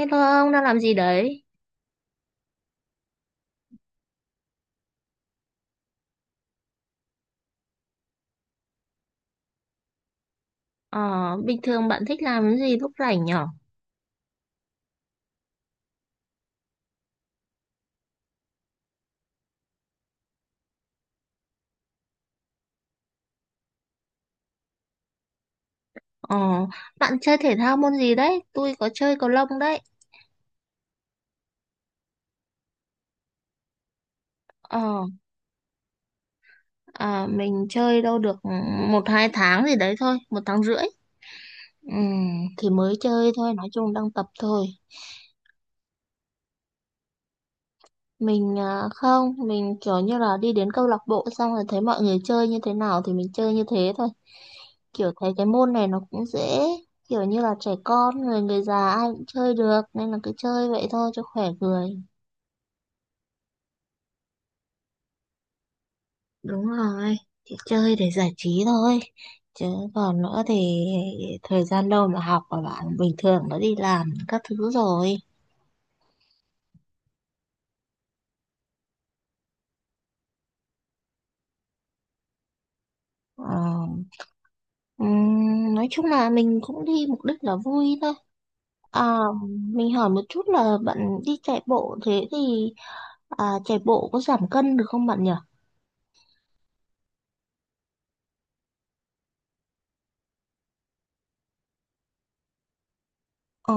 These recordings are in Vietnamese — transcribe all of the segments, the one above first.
Ê thôi ông đang làm gì đấy? Ờ, bình thường bạn thích làm cái gì lúc rảnh nhở? Ờ, bạn chơi thể thao môn gì đấy? Tôi có chơi cầu lông đấy. Ờ, mình chơi đâu được một hai tháng gì đấy thôi, một tháng rưỡi. Thì mới chơi thôi, nói chung đang tập thôi. Mình không, mình kiểu như là đi đến câu lạc bộ xong rồi thấy mọi người chơi như thế nào thì mình chơi như thế thôi. Kiểu thấy cái môn này nó cũng dễ, kiểu như là trẻ con, người người già ai cũng chơi được nên là cứ chơi vậy thôi cho khỏe người. Đúng rồi, chị chơi để giải trí thôi. Chứ còn nữa thì thời gian đâu mà học và bạn bình thường nó đi làm các thứ rồi. Ờ, nói chung là mình cũng đi mục đích là vui thôi. À, mình hỏi một chút là bạn đi chạy bộ thế thì chạy bộ có giảm cân được không bạn nhỉ? Ờ,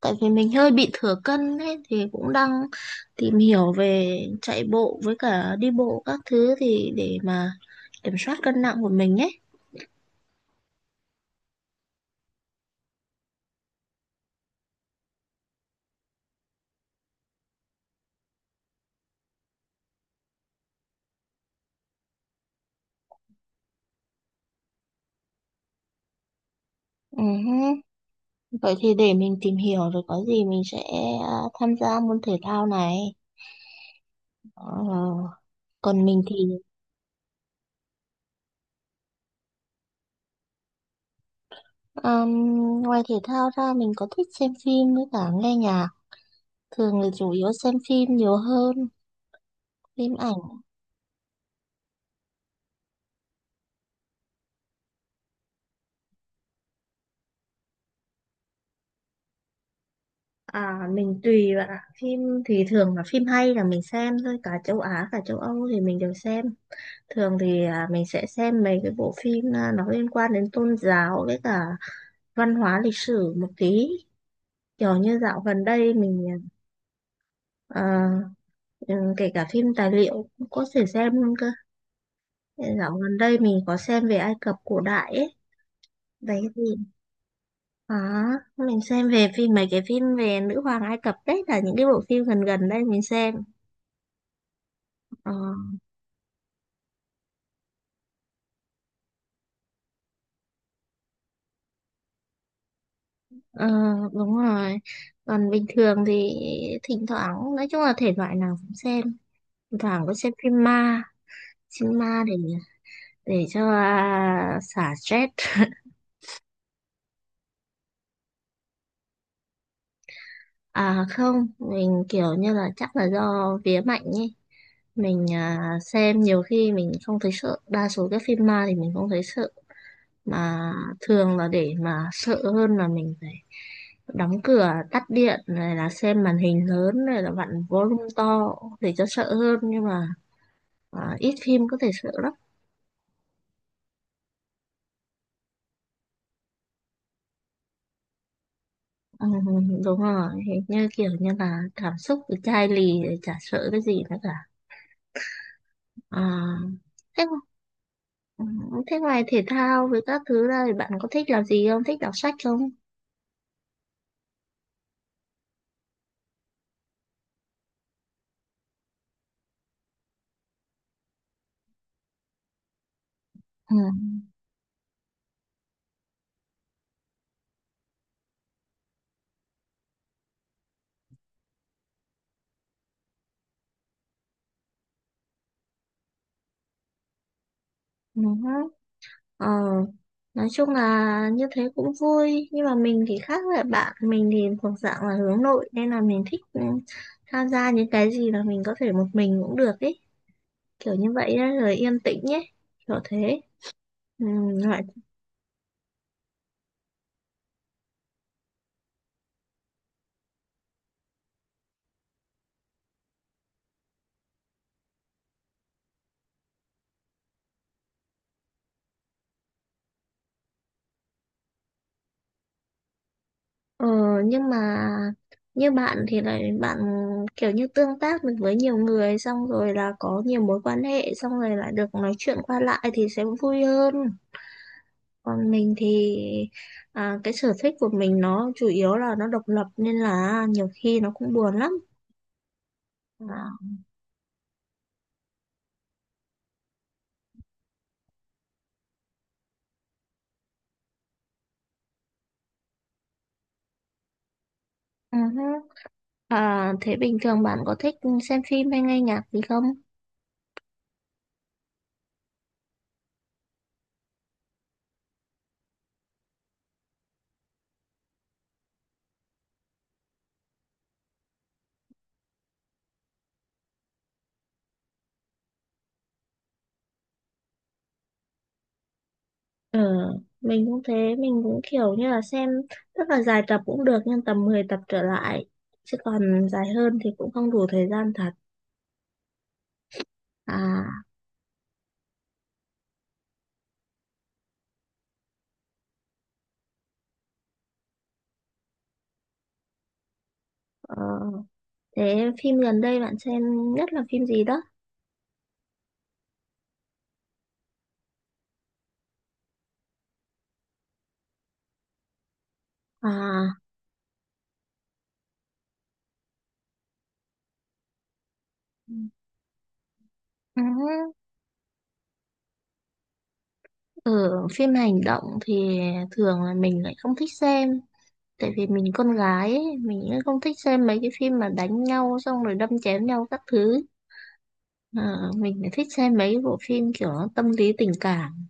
tại vì mình hơi bị thừa cân ấy thì cũng đang tìm hiểu về chạy bộ với cả đi bộ các thứ thì để mà kiểm soát cân nặng của mình ấy. Ừ hứ, vậy thì để mình tìm hiểu rồi có gì mình sẽ à, tham gia môn thể thao này. Ờ, còn mình thì um, ngoài thể thao ra mình có thích xem phim với cả nghe nhạc. Thường là chủ yếu xem phim nhiều hơn, phim ảnh. À, mình tùy bạn ạ. Phim thì thường là phim hay là mình xem thôi, cả châu Á cả châu Âu thì mình đều xem. Thường thì mình sẽ xem mấy cái bộ phim nó liên quan đến tôn giáo với cả văn hóa lịch sử một tí. Kiểu như dạo gần đây mình à, ừ, kể cả phim tài liệu cũng có thể xem luôn cơ. Dạo gần đây mình có xem về Ai Cập cổ đại ấy. Đấy thì à, mình xem về phim mấy cái phim về nữ hoàng Ai Cập đấy là những cái bộ phim gần gần đây mình xem. Ờ, ờ, đúng rồi. Còn bình thường thì thỉnh thoảng, nói chung là thể loại nào cũng xem. Thỉnh thoảng có xem phim ma để cho xả stress. À không, mình kiểu như là chắc là do vía mạnh ấy. Mình xem nhiều khi mình không thấy sợ, đa số các phim ma thì mình không thấy sợ. Mà thường là để mà sợ hơn là mình phải đóng cửa, tắt điện, này là xem màn hình lớn, này là vặn volume to để cho sợ hơn. Nhưng mà ít phim có thể sợ lắm. Ừ, đúng rồi, hình như kiểu như là cảm xúc với chai lì thì chả sợ cái gì nữa cả. À, thế, ừ, thế ngoài thể thao với các thứ ra thì bạn có thích làm gì không? Thích đọc sách không? Ừ. Ừ. Ờ. Nói chung là như thế cũng vui nhưng mà mình thì khác với bạn, mình thì thuộc dạng là hướng nội nên là mình thích tham gia những cái gì mà mình có thể một mình cũng được ấy, kiểu như vậy ấy, rồi yên tĩnh ấy, kiểu thế ừ. Ờ, nhưng mà như bạn thì lại bạn kiểu như tương tác được với nhiều người xong rồi là có nhiều mối quan hệ xong rồi lại được nói chuyện qua lại thì sẽ vui hơn. Còn mình thì cái sở thích của mình nó chủ yếu là nó độc lập nên là nhiều khi nó cũng buồn lắm. À, ừ hứ. À, thế bình thường bạn có thích xem phim hay nghe nhạc gì không? Ờ, mình cũng thế, mình cũng kiểu như là xem rất là dài tập cũng được nhưng tầm 10 tập trở lại chứ còn dài hơn thì cũng không đủ thời gian thật. À, ờ, thế phim gần đây bạn xem nhất là phim gì đó? À, ừ, ở phim hành động thì thường là mình lại không thích xem, tại vì mình con gái ấy, mình cũng không thích xem mấy cái phim mà đánh nhau xong rồi đâm chém nhau các thứ. Ờ, mình lại thích xem mấy cái bộ phim kiểu tâm lý tình cảm,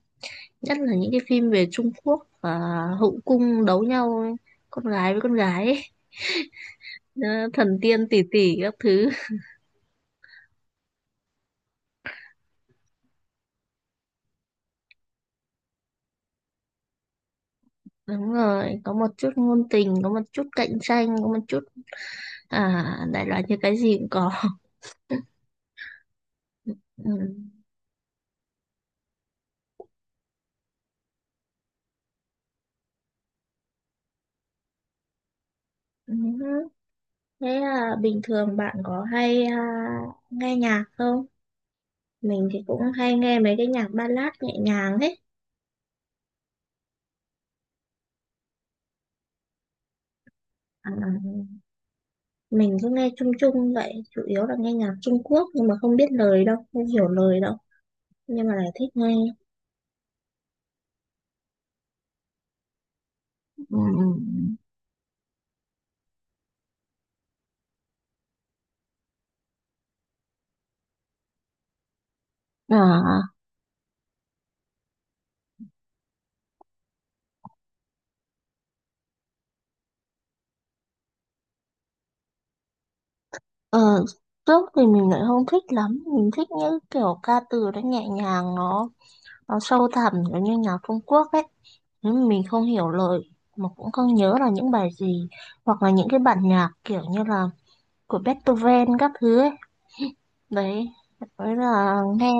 nhất là những cái phim về Trung Quốc và hậu cung đấu nhau ấy. Con gái với con gái ấy. Ờ, thần tiên tỷ tỷ các thứ, đúng rồi, có một chút ngôn tình, có một chút cạnh tranh, có một chút đại loại như cái gì cũng có, ừ. Ừ. Thế là bình thường bạn có hay nghe nhạc không? Mình thì cũng hay nghe mấy cái nhạc ballad nhẹ nhàng ấy. À, mình cứ nghe chung chung vậy, chủ yếu là nghe nhạc Trung Quốc nhưng mà không biết lời đâu, không hiểu lời đâu. Nhưng mà lại thích nghe. Ừ. Ừ. À, ờ, trước thì mình lại không thích lắm, mình thích những kiểu ca từ nó nhẹ nhàng, nó sâu thẳm giống như nhạc Trung Quốc ấy, nhưng mà mình không hiểu lời mà cũng không nhớ là những bài gì, hoặc là những cái bản nhạc kiểu như là của Beethoven các thứ ấy, đấy, đấy là nghe.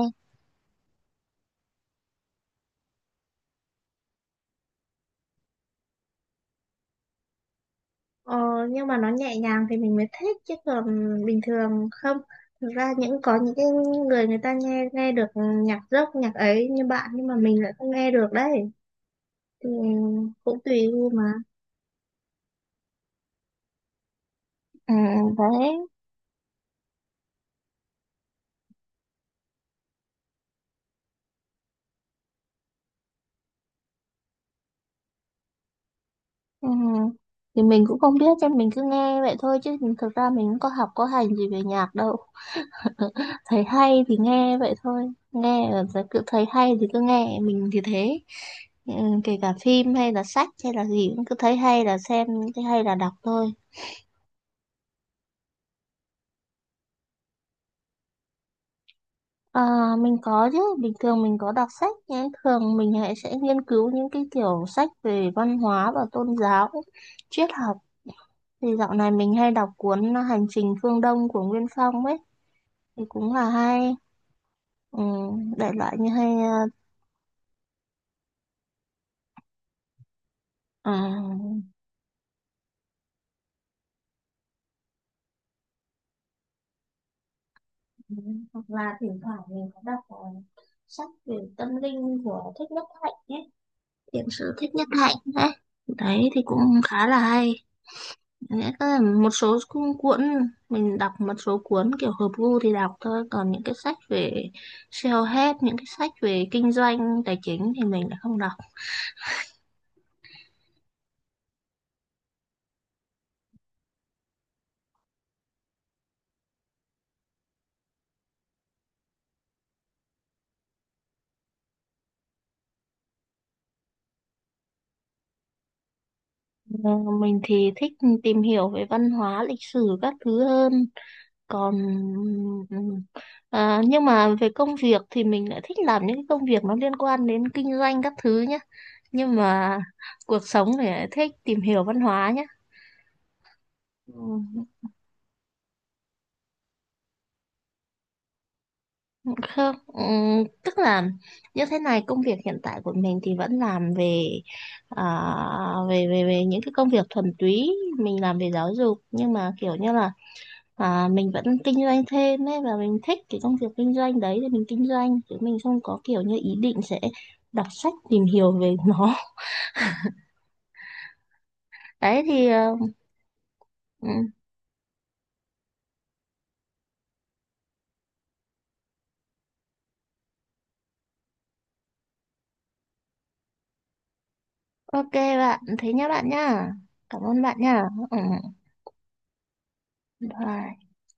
Ờ, nhưng mà nó nhẹ nhàng thì mình mới thích, chứ còn bình thường không. Thực ra những có những cái người người ta nghe nghe được nhạc rock, nhạc ấy như bạn, nhưng mà mình lại không nghe được đấy, thì cũng tùy gu mà. À, đấy. Ừ. Thì mình cũng không biết, cho mình cứ nghe vậy thôi, chứ thực ra mình cũng có học có hành gì về nhạc đâu. Thấy hay thì nghe vậy thôi. Nghe là sẽ cứ thấy hay thì cứ nghe, mình thì thế. Ừ, kể cả phim hay là sách hay là gì cũng cứ thấy hay là xem, thấy hay là đọc thôi. Ờ, mình có chứ, bình thường mình có đọc sách, nhưng thường mình hãy sẽ nghiên cứu những cái kiểu sách về văn hóa và tôn giáo, triết học. Thì dạo này mình hay đọc cuốn Hành trình Phương Đông của Nguyên Phong ấy, thì cũng là hay, ừ, đại loại như hay, ờ, ừ, hoặc là thỉnh thoảng mình có đọc sách về tâm linh của Thích Nhất Hạnh ấy, thiện sự Thích Nhất Hạnh ấy. Đấy thì cũng khá là hay. Nghĩa là một số cuốn, mình đọc một số cuốn kiểu hợp gu thì đọc thôi, còn những cái sách về self-help, những cái sách về kinh doanh tài chính thì mình lại không đọc. Ờ, mình thì thích tìm hiểu về văn hóa lịch sử các thứ hơn, còn ừm, nhưng mà về công việc thì mình lại thích làm những cái công việc nó liên quan đến kinh doanh các thứ nhé, nhưng mà cuộc sống thì lại thích tìm hiểu văn hóa nhé. Ừ, không, tức là như thế này, công việc hiện tại của mình thì vẫn làm về à, về về về những cái công việc thuần túy, mình làm về giáo dục nhưng mà kiểu như là mình vẫn kinh doanh thêm ấy, và mình thích cái công việc kinh doanh đấy thì mình kinh doanh, chứ mình không có kiểu như ý định sẽ đọc sách tìm hiểu về nó. Đấy thì ừm, ok bạn, thế nhá bạn nhá, cảm ơn bạn nhá. Ừ. Bye.